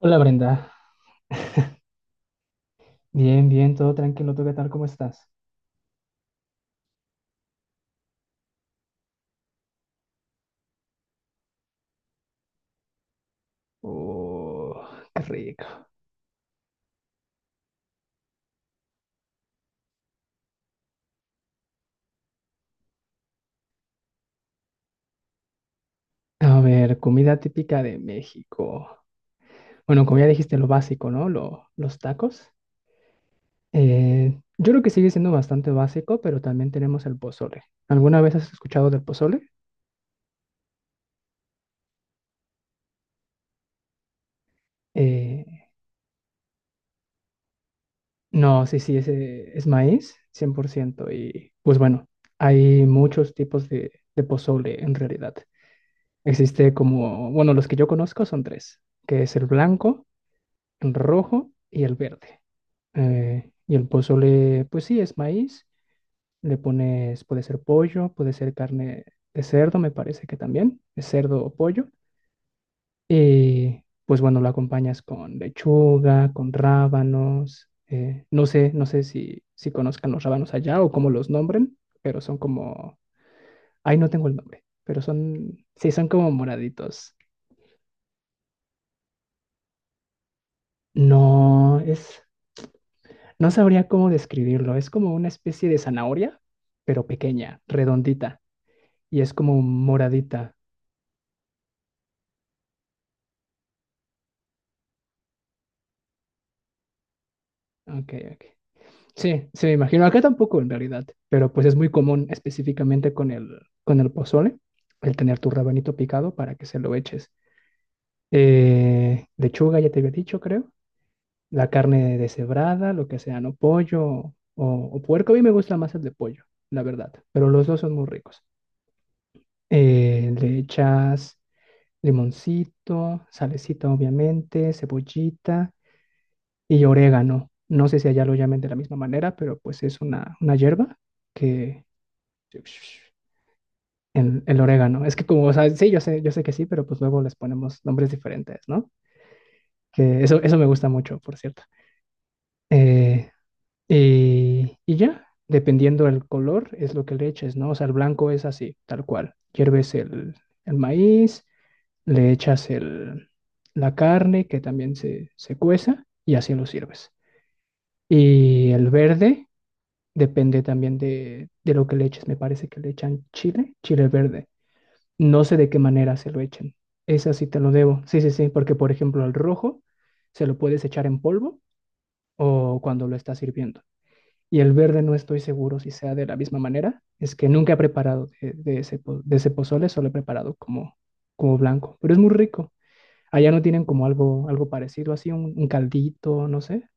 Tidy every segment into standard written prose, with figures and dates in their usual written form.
Hola, Brenda. Bien, bien, todo tranquilo. ¿Tú qué tal? ¿Cómo estás? Oh, qué rico. A ver, comida típica de México. Bueno, como ya dijiste, lo básico, ¿no? Los tacos. Yo creo que sigue siendo bastante básico, pero también tenemos el pozole. ¿Alguna vez has escuchado del pozole? Eh, no, sí, sí, ese es maíz, 100%. Y pues bueno, hay muchos tipos de pozole en realidad. Existe como, bueno, los que yo conozco son tres, que es el blanco, rojo y el verde. Y el pozole, pues sí, es maíz. Le pones, puede ser pollo, puede ser carne de cerdo, me parece que también, es cerdo o pollo. Y pues bueno, lo acompañas con lechuga, con rábanos. No sé, no sé si conozcan los rábanos allá o cómo los nombren, pero son como, ay, no tengo el nombre, pero son, sí, son como moraditos. No, es, no sabría cómo describirlo. Es como una especie de zanahoria, pero pequeña, redondita. Y es como moradita. Ok, ok. Sí, sí, me imagino. Acá tampoco en realidad. Pero pues es muy común específicamente con el pozole, el tener tu rabanito picado para que se lo eches. Lechuga, ya te había dicho, creo. La carne deshebrada, lo que sea, ¿no? Pollo o puerco. A mí me gusta más el de pollo, la verdad. Pero los dos son muy ricos. Le echas limoncito, salecita obviamente, cebollita y orégano. No sé si allá lo llamen de la misma manera, pero pues es una hierba que... El orégano. Es que como, o sea, sí, yo sé que sí, pero pues luego les ponemos nombres diferentes, ¿no? Que eso me gusta mucho, por cierto. Eh, y ya, dependiendo del color, es lo que le eches, ¿no? O sea, el blanco es así, tal cual. Hierves el maíz, le echas el, la carne que también se cueza y así lo sirves. Y el verde depende también de lo que le eches. Me parece que le echan chile, chile verde. No sé de qué manera se lo echen. Esa sí te lo debo. Sí, sí, sí, porque por ejemplo el rojo se lo puedes echar en polvo o cuando lo estás sirviendo. Y el verde no estoy seguro si sea de la misma manera. Es que nunca he preparado de ese pozole, solo he preparado como blanco. Pero es muy rico. Allá no tienen como algo parecido, así un caldito, no sé.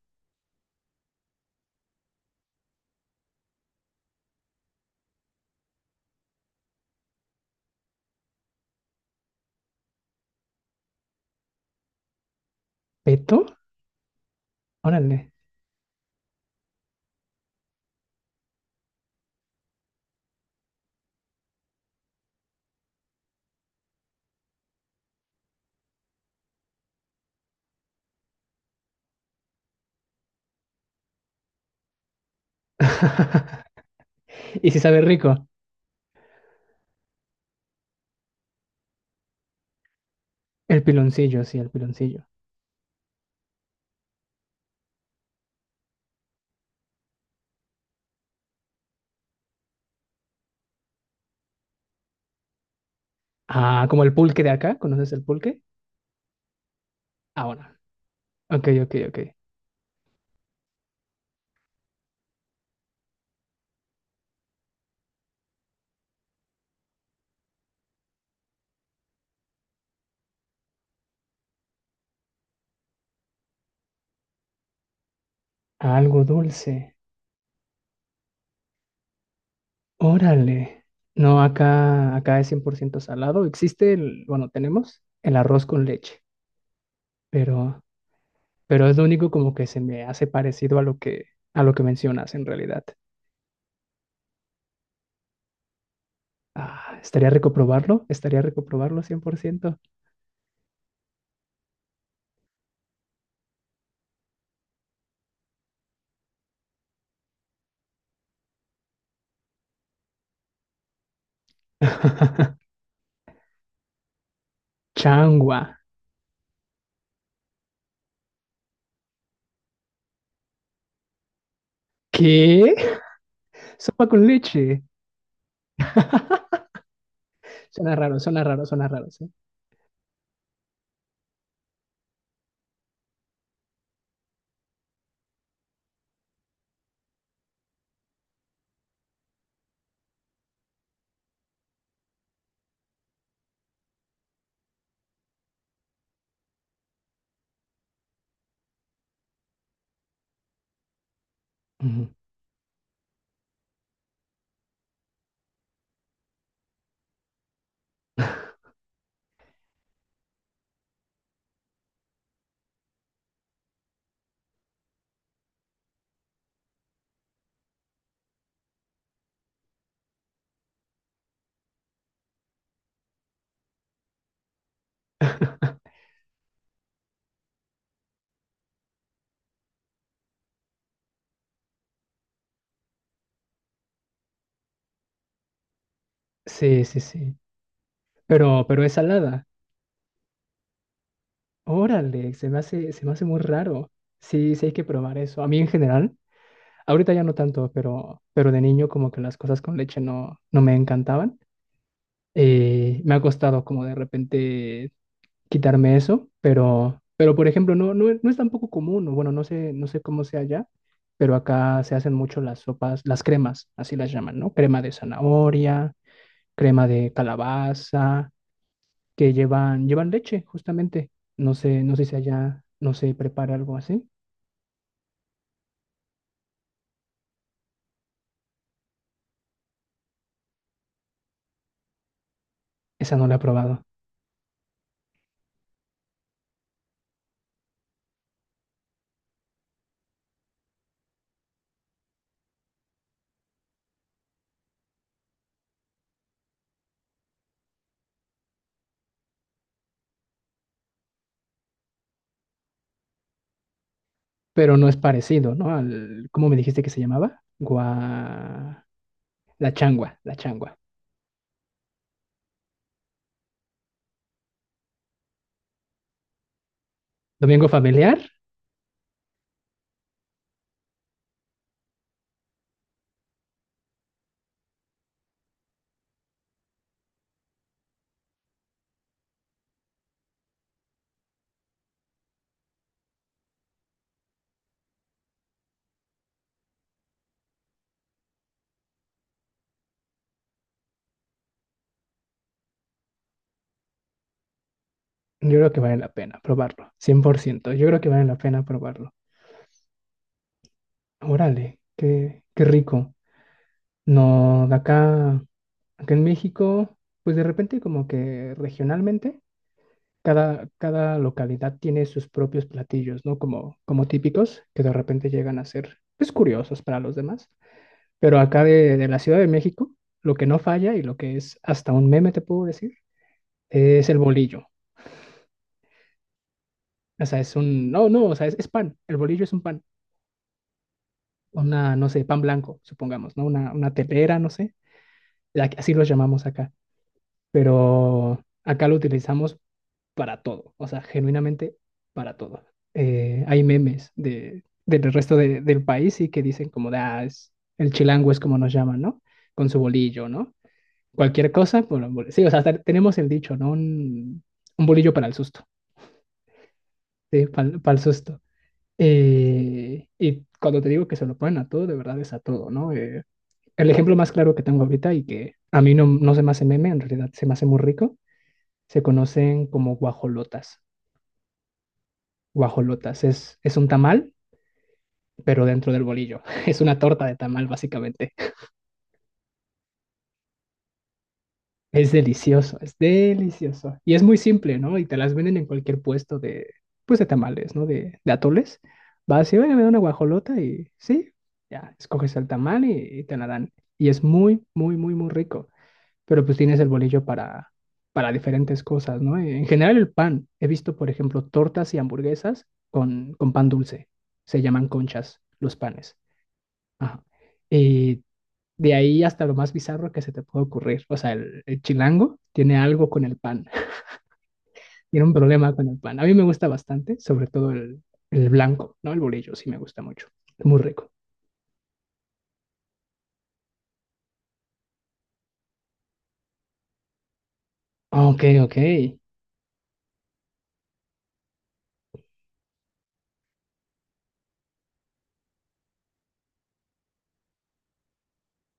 ¿Peto? Órale. Y si sabe rico. El piloncillo, sí, el piloncillo. Ah, como el pulque de acá. ¿Conoces el pulque? Ah, bueno. Ok, ok, ok. Algo dulce. Órale. No, acá es 100% salado. Existe el, bueno, tenemos el arroz con leche, pero, pero es lo único como que se me hace parecido a lo que mencionas en realidad. Ah, estaría rico probarlo 100%. Changua. ¿Qué? Sopa con leche. Suena raro, suena raro, suena raro, sí. Ujú. Sí, sí, sí. Pero es salada. Órale, se me hace muy raro. Sí, sí hay que probar eso. A mí en general, ahorita ya no tanto, pero de niño como que las cosas con leche no, no me encantaban. Me ha costado como de repente quitarme eso, pero por ejemplo, no, no, no es tampoco común, o bueno, no sé, no sé cómo sea allá, pero acá se hacen mucho las sopas, las cremas, así las llaman, ¿no? Crema de zanahoria, crema de calabaza, que llevan leche, justamente. No sé, no sé si allá no se prepara algo así. Esa no la he probado. Pero no es parecido, ¿no? Al, ¿cómo me dijiste que se llamaba? Gua... La changua, la changua. ¿Domingo familiar? Yo creo que vale la pena probarlo, 100%. Yo creo que vale la pena probarlo. Órale, qué rico. No, de acá en México, pues de repente como que regionalmente, cada localidad tiene sus propios platillos, ¿no? Como típicos que de repente llegan a ser, pues curiosos para los demás. Pero acá de la Ciudad de México, lo que no falla y lo que es hasta un meme, te puedo decir, es el bolillo. O sea, es un, no, no, o sea, es pan. El bolillo es un pan, una, no sé, pan blanco, supongamos, ¿no? Una telera, no sé. Así los llamamos acá. Pero acá lo utilizamos para todo, o sea, genuinamente para todo. Hay memes del resto del país y que dicen como, de, ah, es, el chilango es como nos llaman, ¿no? Con su bolillo, ¿no? Cualquier cosa, bueno, sí, o sea, tenemos el dicho, ¿no? Un bolillo para el susto, sí, para, el susto. Y cuando te digo que se lo ponen a todo, de verdad es a todo, ¿no? El ejemplo más claro que tengo ahorita y que a mí no, no se me hace meme, en realidad se me hace muy rico, se conocen como guajolotas. Guajolotas es un tamal, pero dentro del bolillo. Es una torta de tamal, básicamente. Es delicioso, es delicioso. Y es muy simple, ¿no? Y te las venden en cualquier puesto pues de tamales, ¿no? De atoles. Vas y, oye, me da una guajolota y sí, ya, escoges el tamal y te la dan. Y es muy, muy, muy, muy rico. Pero pues tienes el bolillo para diferentes cosas, ¿no? En general el pan. He visto, por ejemplo, tortas y hamburguesas con pan dulce. Se llaman conchas los panes. Ajá. Y de ahí hasta lo más bizarro que se te puede ocurrir. O sea, el chilango tiene algo con el pan, tiene un problema con el pan. A mí me gusta bastante, sobre todo el blanco, ¿no? El bolillo sí me gusta mucho, muy rico. Ok, ok,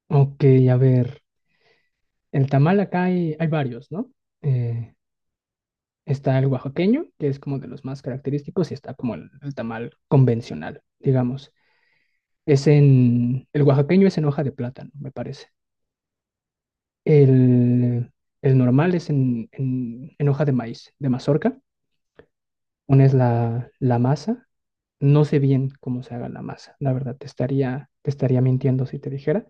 ok, a ver, el tamal acá hay varios, ¿no? Eh, Está el oaxaqueño, que es como de los más característicos, y está como el tamal convencional, digamos. El oaxaqueño es en hoja de plátano, me parece. El, el normal es en hoja de maíz, de mazorca. Pones la masa. No sé bien cómo se haga la masa, la verdad, te estaría mintiendo si te dijera.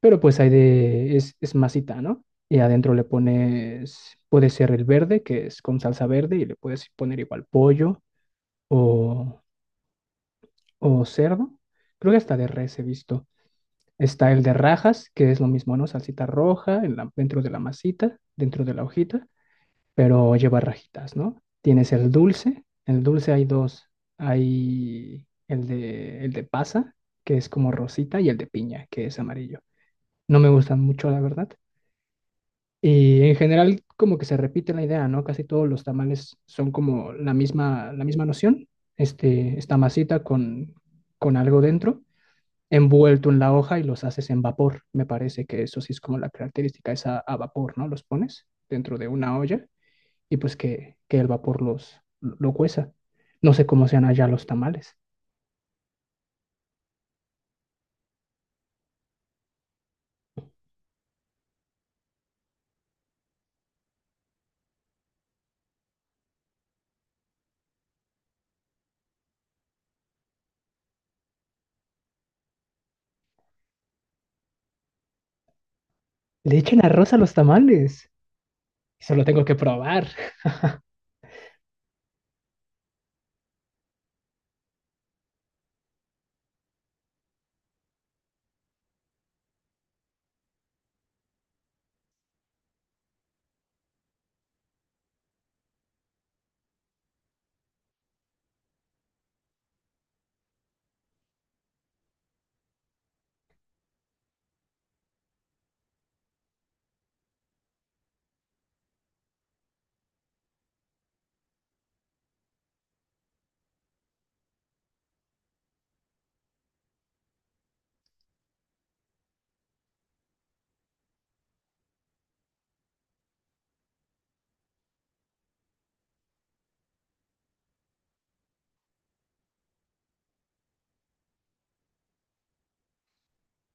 Pero pues hay es masita, ¿no? Y adentro le pones, puede ser el verde, que es con salsa verde, y le puedes poner igual pollo o, o cerdo. Creo que hasta de res he visto. Está el de rajas, que es lo mismo, ¿no? Salsita roja dentro de la masita, dentro de la hojita. Pero lleva rajitas, ¿no? Tienes el dulce hay dos, hay el de pasa, que es como rosita, y el de piña, que es amarillo. No me gustan mucho, la verdad. Y en general como que se repite la idea, ¿no? Casi todos los tamales son como la misma noción, este, esta masita con algo dentro, envuelto en la hoja y los haces en vapor. Me parece que eso sí es como la característica, es a vapor, ¿no? Los pones dentro de una olla y pues que el vapor los lo cueza. No sé cómo sean allá los tamales. Le echan arroz a los tamales. Eso lo tengo que probar.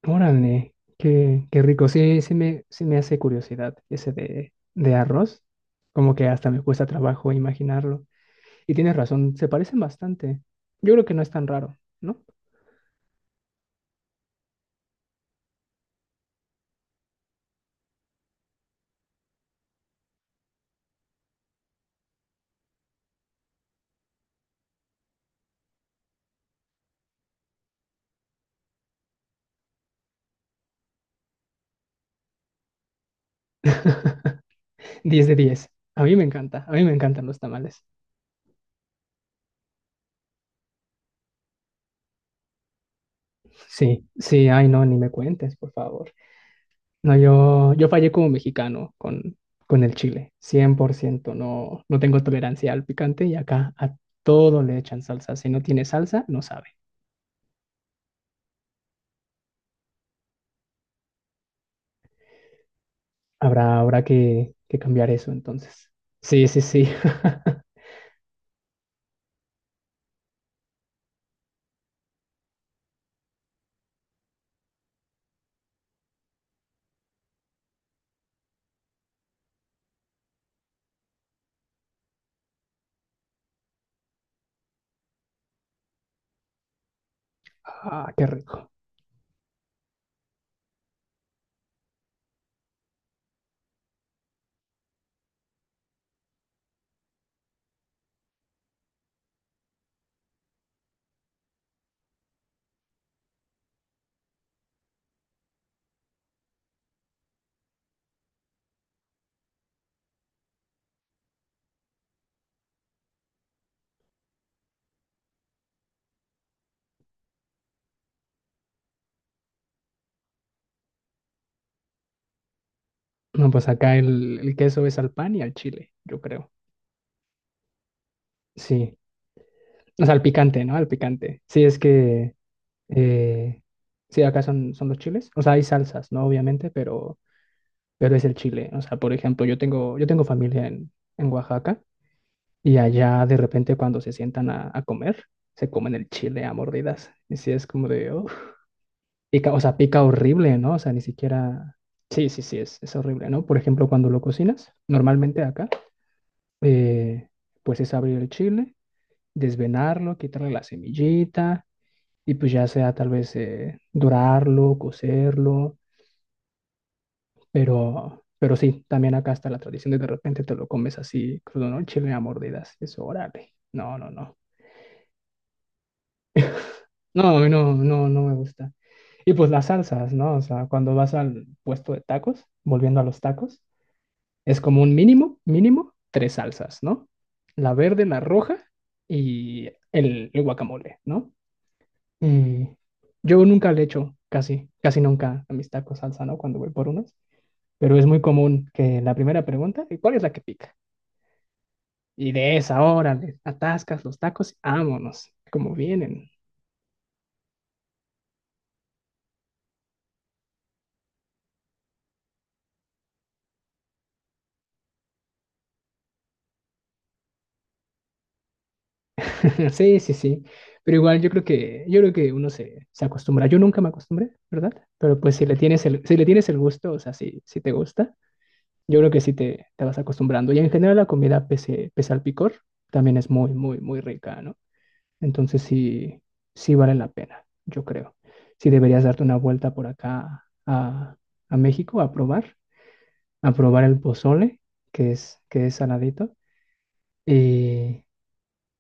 Órale, qué rico. Sí, sí me hace curiosidad ese de arroz. Como que hasta me cuesta trabajo imaginarlo. Y tienes razón, se parecen bastante. Yo creo que no es tan raro, ¿no? 10/10. A mí me encanta, a mí me encantan los tamales. Sí, sí, ay no, ni me cuentes, por favor. No, yo fallé como mexicano con el chile, 100%. No, no tengo tolerancia al picante y acá a todo le echan salsa. Si no tiene salsa, no sabe. Habrá que cambiar eso entonces. Sí, sí, sí. Ah, qué rico. No, pues acá el queso es al pan y al chile, yo creo. Sí. O sea, al picante, ¿no? Al picante. Sí, es que... eh, sí, acá son los chiles. O sea, hay salsas, ¿no? Obviamente, pero es el chile. O sea, por ejemplo, yo tengo familia en Oaxaca y allá de repente cuando se sientan a comer, se comen el chile a mordidas. Y sí es como de, "Uf". Pica, o sea, pica horrible, ¿no? O sea, ni siquiera... Sí, sí, sí, es horrible, ¿no? Por ejemplo, cuando lo cocinas, normalmente acá, eh, pues es abrir el chile, desvenarlo, quitarle la semillita y pues ya sea tal vez dorarlo, cocerlo. Pero sí, también acá está la tradición de repente te lo comes así, crudo, ¿no? El chile a mordidas. Eso, órale. No, no, no. No, a mí no, no, no me gusta. Y pues las salsas, ¿no? O sea, cuando vas al puesto de tacos, volviendo a los tacos, es como un mínimo, mínimo, tres salsas, ¿no? La verde, la roja y el guacamole, ¿no? Y yo nunca le echo, casi, casi nunca a mis tacos salsa, ¿no? Cuando voy por unos. Pero es muy común que la primera pregunta, ¿y cuál es la que pica? Y de esa hora le atascas los tacos, vámonos, como vienen. Sí, sí, sí. Pero igual yo creo que uno se acostumbra. Yo nunca me acostumbré, ¿verdad? Pero pues si le tienes el gusto, o sea, si te gusta, yo creo que sí te vas acostumbrando. Y en general la comida, pese al picor, también es muy, muy, muy rica, ¿no? Entonces sí, sí vale la pena, yo creo. Sí deberías darte una vuelta por acá a México a probar el pozole, que es saladito. Y,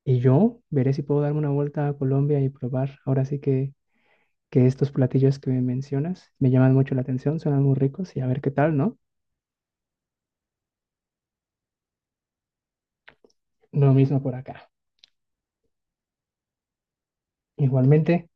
y yo veré si puedo darme una vuelta a Colombia y probar. Ahora sí que estos platillos que me mencionas me llaman mucho la atención, suenan muy ricos y a ver qué tal, ¿no? Lo mismo por acá. Igualmente.